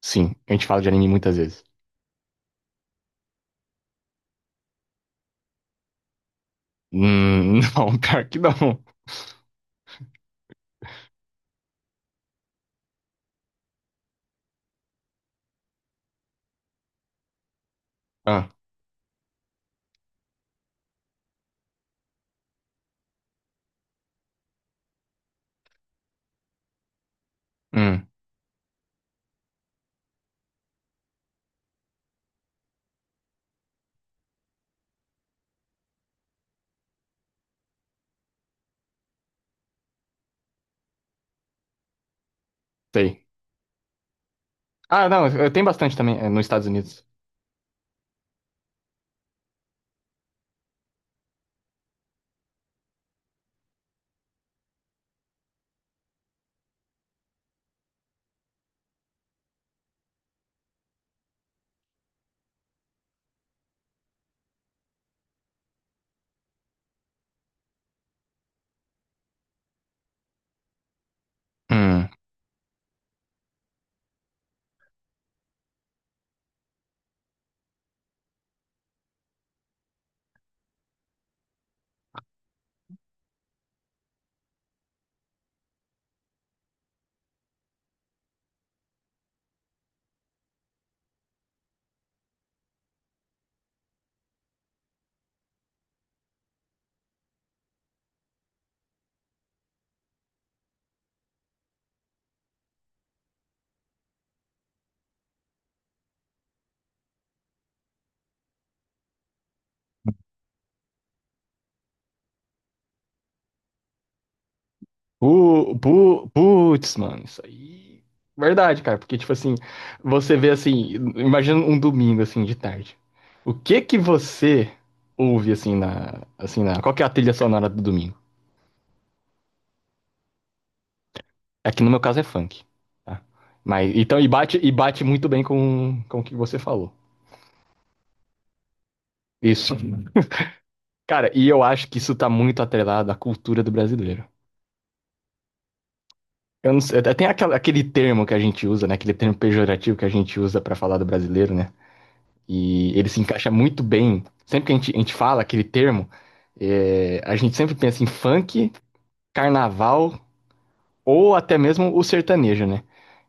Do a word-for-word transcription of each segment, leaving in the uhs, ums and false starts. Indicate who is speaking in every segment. Speaker 1: Sim, a gente fala de anime muitas vezes. Hum, não, pior que não. Ah, hum, sei. Ah, não, eu- tem bastante também, é, nos Estados Unidos. Hum. Pu, pu, putz, mano, isso aí. Verdade, cara, porque, tipo assim, você vê assim, imagina um domingo, assim, de tarde. O que que você ouve, assim, na, assim, na, qual que é a trilha sonora do domingo? É que no meu caso é funk, tá? Mas, então, e bate, e bate muito bem com, com o que você falou. Isso. Cara, e eu acho que isso tá muito atrelado à cultura do brasileiro. Eu não sei, tem aquela- aquele termo que a gente usa, né? Aquele termo pejorativo que a gente usa pra falar do brasileiro, né? E ele se encaixa muito bem. Sempre que a gente, a gente fala aquele termo, é, a gente sempre pensa em funk, carnaval, ou até mesmo o sertanejo, né?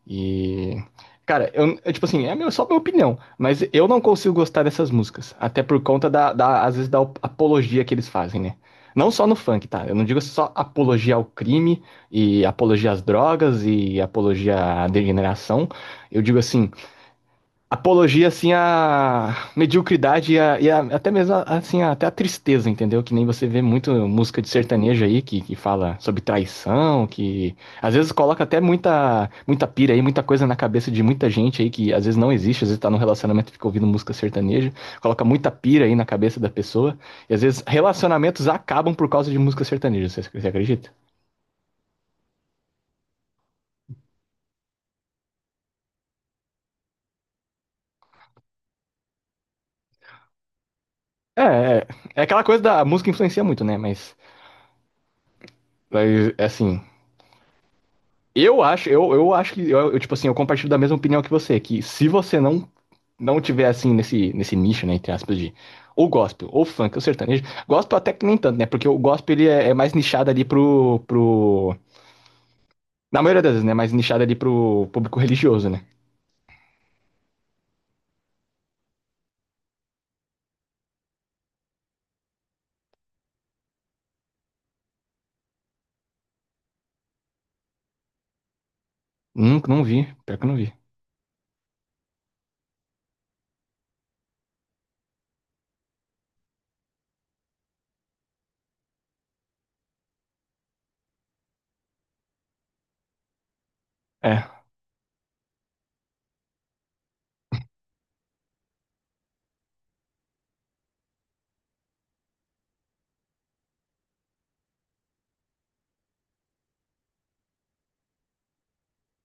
Speaker 1: E cara, eu, eu, tipo assim, é meu, só minha opinião, mas eu não consigo gostar dessas músicas. Até por conta da, da, às vezes, da apologia que eles fazem, né? Não só no funk, tá? Eu não digo só apologia ao crime e apologia às drogas e apologia à degeneração. Eu digo assim, apologia, assim, à mediocridade e, à- e à- até mesmo, assim, à- até a tristeza, entendeu? Que nem você vê muito música de sertanejo aí, que, que fala sobre traição, que às vezes coloca até muita, muita pira aí, muita coisa na cabeça de muita gente aí, que às vezes não existe, às vezes tá num relacionamento e fica ouvindo música sertaneja, coloca muita pira aí na cabeça da pessoa, e às vezes relacionamentos acabam por causa de música sertaneja, você, você acredita? É, é, é aquela coisa da a música influencia muito, né? Mas, mas, assim... Eu acho, eu, eu acho que, eu, eu, tipo assim, eu compartilho da mesma opinião que você, que se você não não tiver, assim, nesse, nesse nicho, né, entre aspas, de ou gospel, ou funk, ou sertanejo, gospel até que nem tanto, né, porque o gospel, ele é, é mais nichado ali pro, pro, na maioria das vezes, né, mais nichado ali pro público religioso, né. Nunca, não vi, pior que eu não vi. É,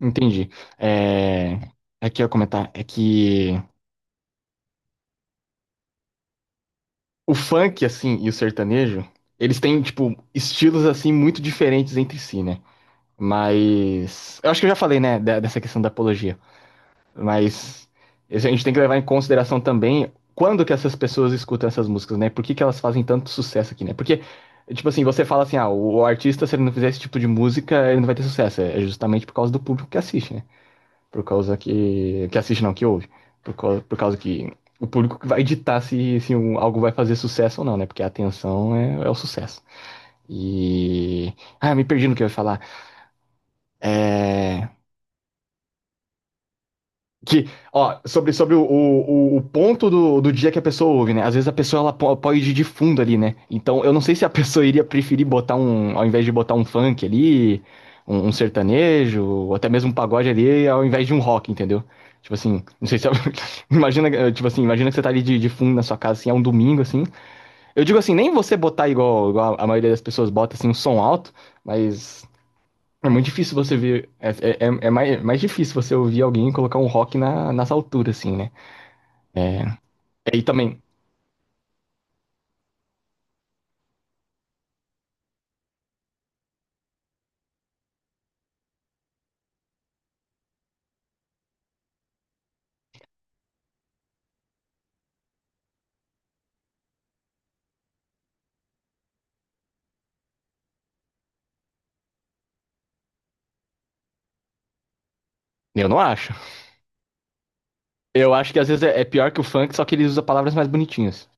Speaker 1: entendi. É, é que eu ia comentar, é que o funk, assim, e o sertanejo, eles têm, tipo, estilos, assim, muito diferentes entre si, né. Mas eu acho que eu já falei, né, de- dessa questão da apologia. Mas isso a gente tem que levar em consideração também quando que essas pessoas escutam essas músicas, né? Por que que elas fazem tanto sucesso aqui, né? Porque, tipo assim, você fala assim, ah, o artista, se ele não fizer esse tipo de música, ele não vai ter sucesso. É justamente por causa do público que assiste, né? Por causa que. Que assiste, não, que ouve. Por causa, por causa que. O público que vai ditar se, se um- algo vai fazer sucesso ou não, né? Porque a atenção é, é o sucesso. E ah, me perdi no que eu ia falar. É. Que, ó, sobre, sobre o, o, o ponto do, do dia que a pessoa ouve, né? Às vezes a pessoa ela po- pode ir de fundo ali, né? Então eu não sei se a pessoa iria preferir botar um, ao invés de botar um funk ali, um, um sertanejo, ou até mesmo um pagode ali, ao invés de um rock, entendeu? Tipo assim, não sei se é- imagina, eh, tipo assim, imagina que você tá ali de, de fundo na sua casa, assim, é um domingo, assim. Eu digo assim, nem você botar igual, igual a maioria das pessoas bota, assim, um som alto, mas é muito difícil você ver. É, é, é- é mais, é mais difícil você ouvir alguém colocar um rock na, nas alturas, assim, né? É, é, e também, eu não acho. Eu acho que às vezes é, é pior que o funk, só que ele usa palavras mais bonitinhas.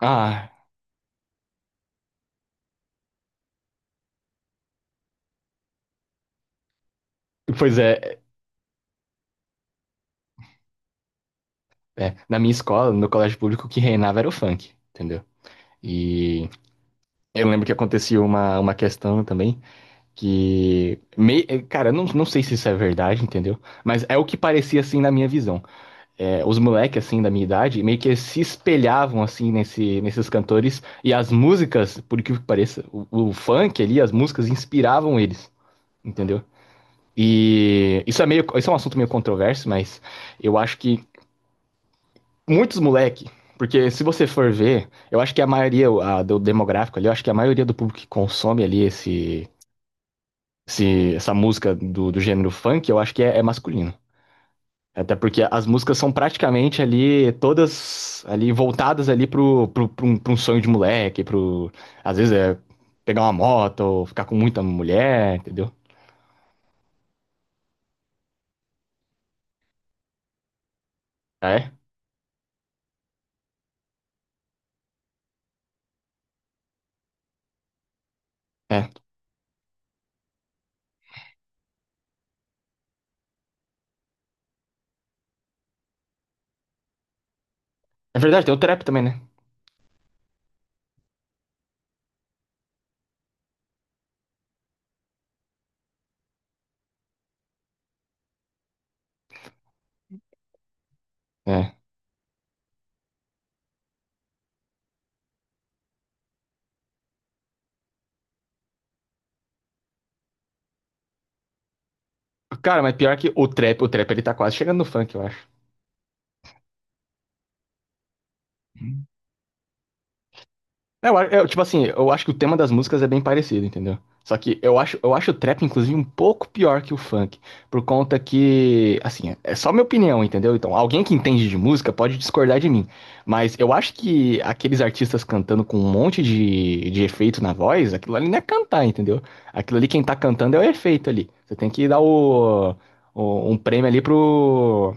Speaker 1: Ah, pois é, é. Na minha escola, no colégio público, o que reinava era o funk, entendeu? E eu lembro que acontecia uma, uma questão também que. mei- Cara, eu não, não sei se isso é verdade, entendeu? Mas é o que parecia assim na minha visão. É, os moleques, assim, da minha idade, meio que se espelhavam, assim, nesse, nesses cantores. E as músicas, por incrível que pareça, o, o funk ali, as músicas inspiravam eles, entendeu? E isso é meio, isso é um assunto meio controverso, mas eu acho que muitos moleque, porque se você for ver, eu acho que a maioria a, do demográfico ali, eu acho que a maioria do público que consome ali esse, esse essa música do, do gênero funk, eu acho que é, é masculino. Até porque as músicas são praticamente ali, todas ali voltadas ali pro, pro, pro um, pra um sonho de moleque, pro. Às vezes é pegar uma moto ou ficar com muita mulher, entendeu? Ah, é, é. É verdade, tem o trap também, né? É. Cara, mas pior que o trap, o trap ele tá quase chegando no funk, eu acho. É, eu, a- eu, tipo assim, eu acho que o tema das músicas é bem parecido, entendeu? Só que eu acho, eu acho o trap, inclusive, um pouco pior que o funk, por conta que, assim, é só minha opinião, entendeu? Então, alguém que entende de música pode discordar de mim, mas eu acho que aqueles artistas cantando com um monte de, de efeito na voz, aquilo ali não é cantar, entendeu? Aquilo ali quem tá cantando é o efeito ali. Você tem que dar o, o- um prêmio ali pro,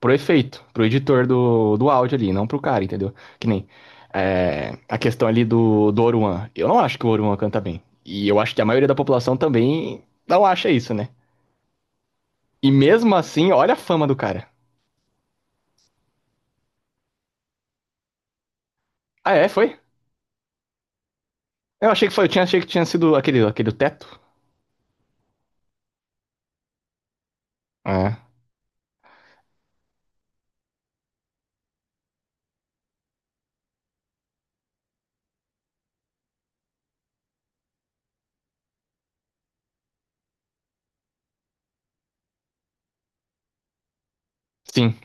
Speaker 1: pro efeito, pro editor do, do áudio ali, não pro cara, entendeu? Que nem é, a questão ali do, do Oruan. Eu não acho que o Oruan canta bem. E eu acho que a maioria da população também não acha isso, né? E mesmo assim, olha a fama do cara. Ah, é? Foi? Eu achei que foi, eu tinha, achei que tinha sido aquele, aquele teto. É. Sim.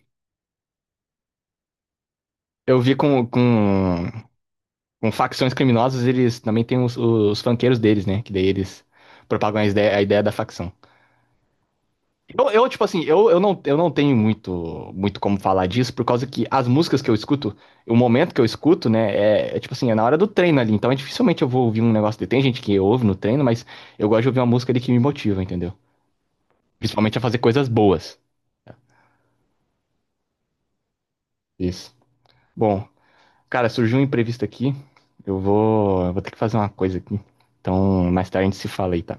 Speaker 1: Eu vi com, com, com facções criminosas, eles também têm os, os funkeiros deles, né? Que daí eles propagam a ideia, a ideia da facção. Eu, eu, tipo assim, eu, eu, não, eu não tenho muito, muito como falar disso, por causa que as músicas que eu escuto, o momento que eu escuto, né, é, é, tipo assim, é na hora do treino ali. Então, é, dificilmente eu vou ouvir um negócio de. Tem gente que ouve no treino, mas eu gosto de ouvir uma música ali que me motiva, entendeu? Principalmente a fazer coisas boas. Isso. Bom, cara, surgiu um imprevisto aqui. Eu vou, eu vou ter que fazer uma coisa aqui. Então, mais tarde a gente se fala aí, tá?